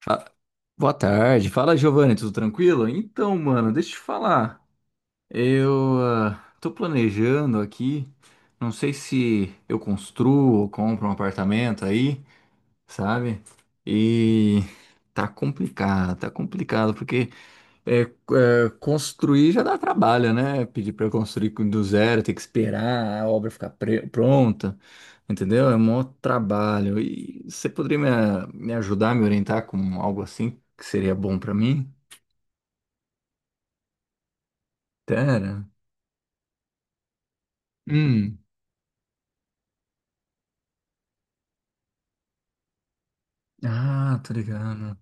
Fa- Boa tarde. Fala, Giovanni, tudo tranquilo? Então, mano, deixa eu te falar. Eu tô planejando aqui. Não sei se eu construo ou compro um apartamento aí, sabe? E tá complicado, tá complicado, porque construir já dá trabalho, né? Pedir para do zero, ter que esperar a obra ficar pronta, entendeu? É um maior trabalho. E você poderia me ajudar, me orientar com algo assim que seria bom para mim? Pera. Hum. Ah, tô ligado.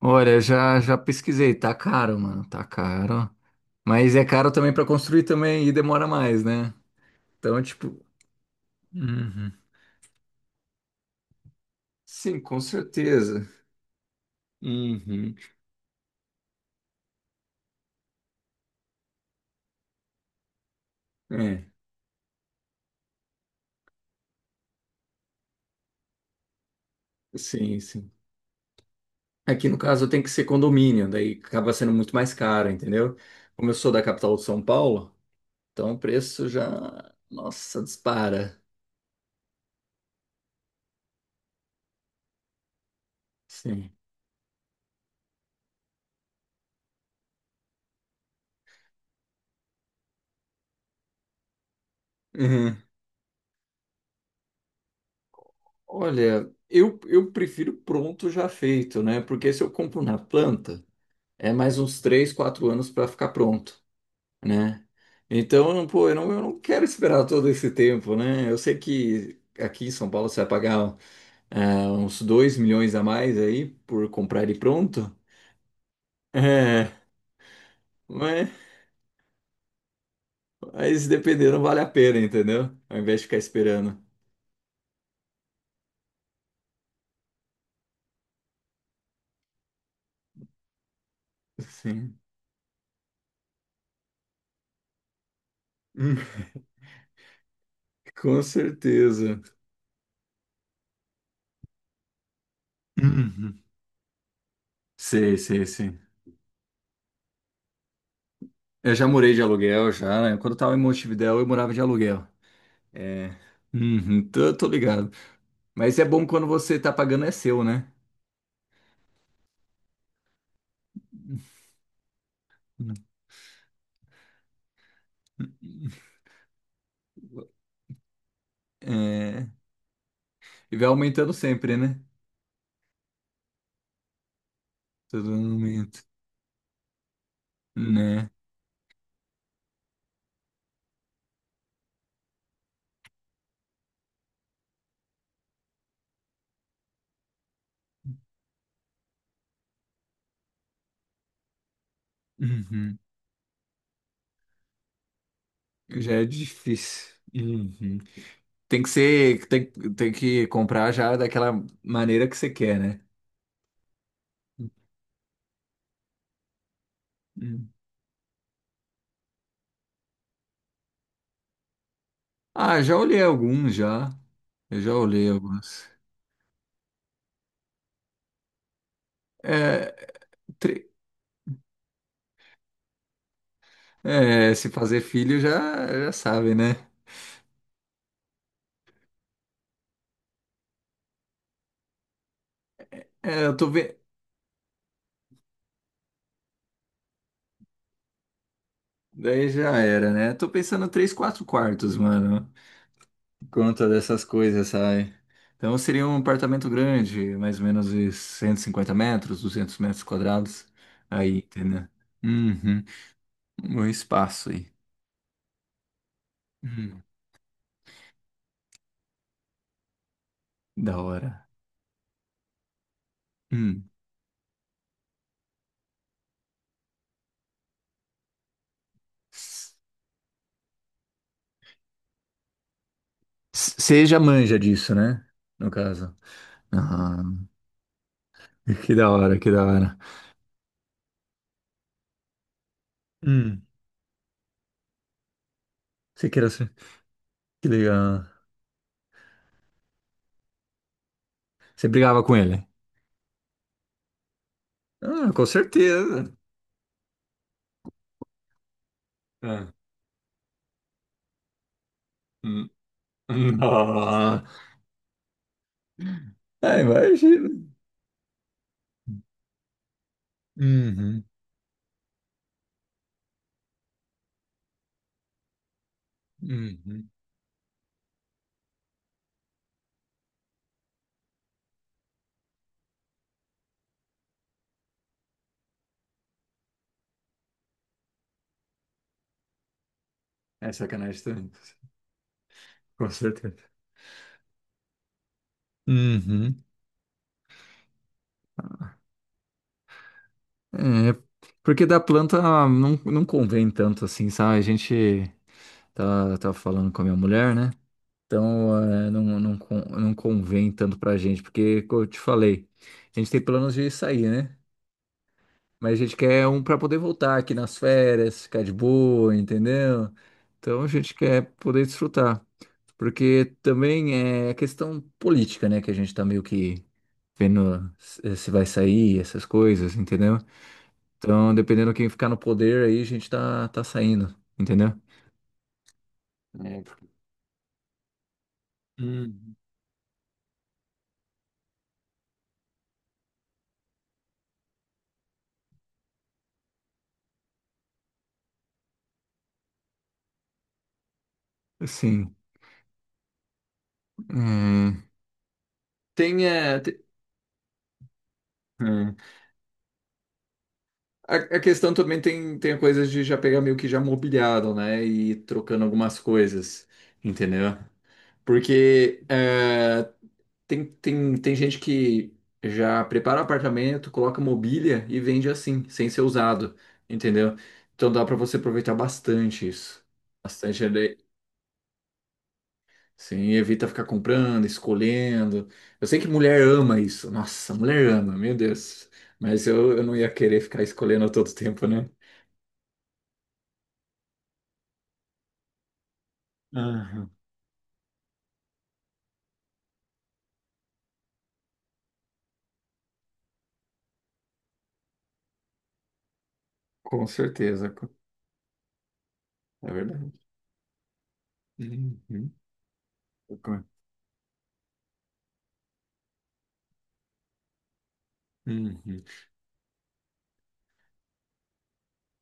Olha, já já pesquisei, tá caro, mano, tá caro. Mas é caro também para construir também e demora mais, né? Então, tipo, uhum. Sim, com certeza. Uhum. É, sim, sim. Aqui no caso tem que ser condomínio, daí acaba sendo muito mais caro, entendeu? Como eu sou da capital de São Paulo, então o preço já, nossa, dispara. Sim. Uhum. Olha, eu prefiro pronto já feito, né? Porque se eu compro na planta, é mais uns 3, 4 anos para ficar pronto, né? Então, eu não- pô, eu não quero esperar todo esse tempo, né? Eu sei que aqui em São Paulo você vai pagar uns 2 milhões a mais aí por comprar ele pronto. É. Mas, mas dependendo, vale a pena, entendeu? Ao invés de ficar esperando. Sim. Hum, com certeza. Uhum. Sei, sei, sei. Eu Já morei de aluguel, já, né? Quando eu tava em Montevidéu, eu morava de aluguel. É. Uhum, tô, tô ligado. Mas é bom quando você tá pagando, é seu, né? Uhum. É. E vai aumentando sempre, né? Todo momento, né? Uhum. Já é difícil. Uhum. Tem que ser, tem, tem que comprar já daquela maneira que você quer, né? Hum. Ah, já olhei alguns já. Eu já olhei alguns. É, tri- Se fazer filho já, já sabe, né? É, eu tô vendo. Daí já era, né? Tô pensando três, quatro quartos, mano. Por conta dessas coisas, sabe? Então seria um apartamento grande, mais ou menos de 150 metros, 200 metros quadrados. Aí, entendeu? Uhum. Um espaço aí. Hum. Da hora. Hum. Você já manja disso, né? No caso. Ah, que da hora, que da hora. Hum. Você que era... ser- Que legal. Você brigava com ele? Ah, com certeza. Ah. Hum. Ah, ah, imagina. Uhum. Uhum. É sacanagem também. Com certeza. Uhum. É, porque da planta não convém tanto assim, sabe? A gente tá, tá falando com a minha mulher, né? Então, não convém tanto pra gente, porque, como eu te falei, a gente tem planos de sair, né? Mas a gente quer um pra poder voltar aqui nas férias, ficar de boa, entendeu? Então, a gente quer poder desfrutar. Porque também é a questão política, né? Que a gente tá meio que vendo se se vai sair, essas coisas, entendeu? Então, dependendo quem ficar no poder aí, tá saindo, entendeu? É. Hum. Assim, é, tem, é, Hum. A questão também tem, tem a coisa de já pegar meio que já mobiliado, né? E ir trocando algumas coisas, entendeu? Porque é, tem, tem, tem gente que já prepara o apartamento, coloca mobília e vende assim, sem ser usado, entendeu? Então dá pra você aproveitar bastante isso. Bastante ele- Sim, evita ficar comprando, escolhendo. Eu sei que mulher ama isso. Nossa, mulher ama, meu Deus. Mas eu não ia querer ficar escolhendo a todo tempo, né? Aham. Com certeza, co- É verdade. Uhum. Com uhum.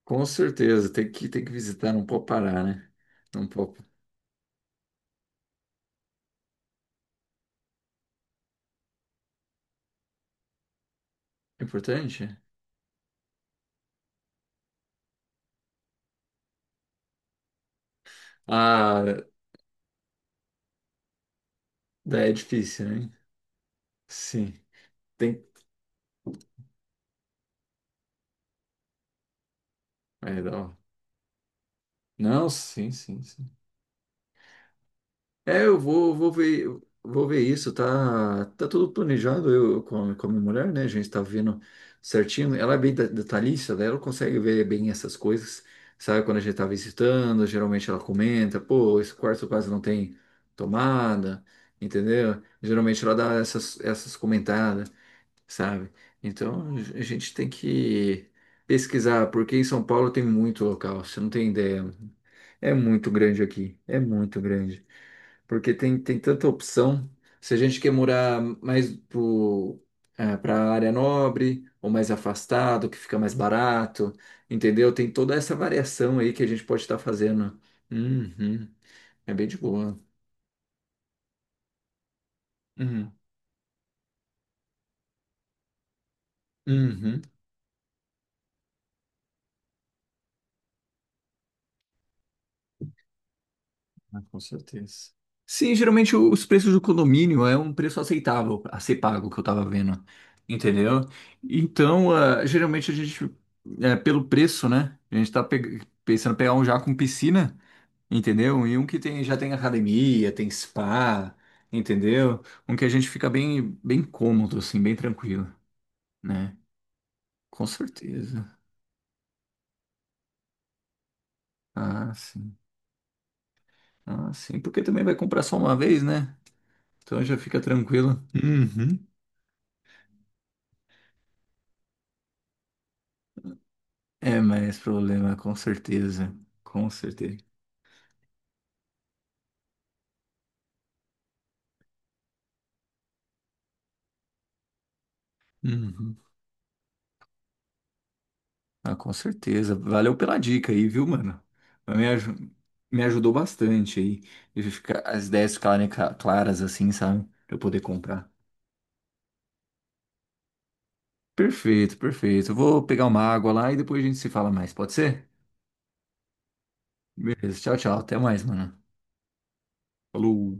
Com certeza, tem que visitar, não pode parar, né? Não pode. É importante? Ah, daí é difícil, né? Sim, tem. É, dá. Não, sim, sim, sim. É, vou ver isso, tá, tá tudo planejado com a minha mulher, né? A gente tá vendo certinho. Ela é bem detalhista, né? Ela consegue ver bem essas coisas, sabe? Quando a gente tá visitando, geralmente ela comenta, pô, esse quarto quase não tem tomada, entendeu? Geralmente ela dá essas, essas comentadas, sabe? Então a gente tem que pesquisar, porque em São Paulo tem muito local, você não tem ideia. É muito grande aqui, é muito grande. Porque tem, tem tanta opção. Se a gente quer para a área nobre ou mais afastado, que fica mais barato, entendeu? Tem toda essa variação aí que a gente pode estar fazendo. Uhum. É bem de boa. Uhum. Uhum. Ah, com certeza. Sim, geralmente os preços do condomínio é um preço aceitável a ser pago que eu tava vendo, entendeu? Então, geralmente pelo preço, né? A gente tá peg- Pensando em pegar um já com piscina. Entendeu? E um que tem, já tem academia, tem spa, entendeu? Um que a gente fica bem, bem cômodo, assim, bem tranquilo, né? Com certeza. Ah, sim. Ah, sim. Porque também vai comprar só uma vez, né? Então já fica tranquilo. Uhum. É mais problema, com certeza. Com certeza. Uhum. Ah, com certeza. Valeu pela dica aí, viu, mano? Mas Me, aju- Me ajudou bastante aí. As ideias ficarem claras, assim, sabe? Pra eu poder comprar. Perfeito, perfeito. Eu vou pegar uma água lá e depois a gente se fala mais, pode ser? Beleza, tchau, tchau. Até mais, mano. Falou.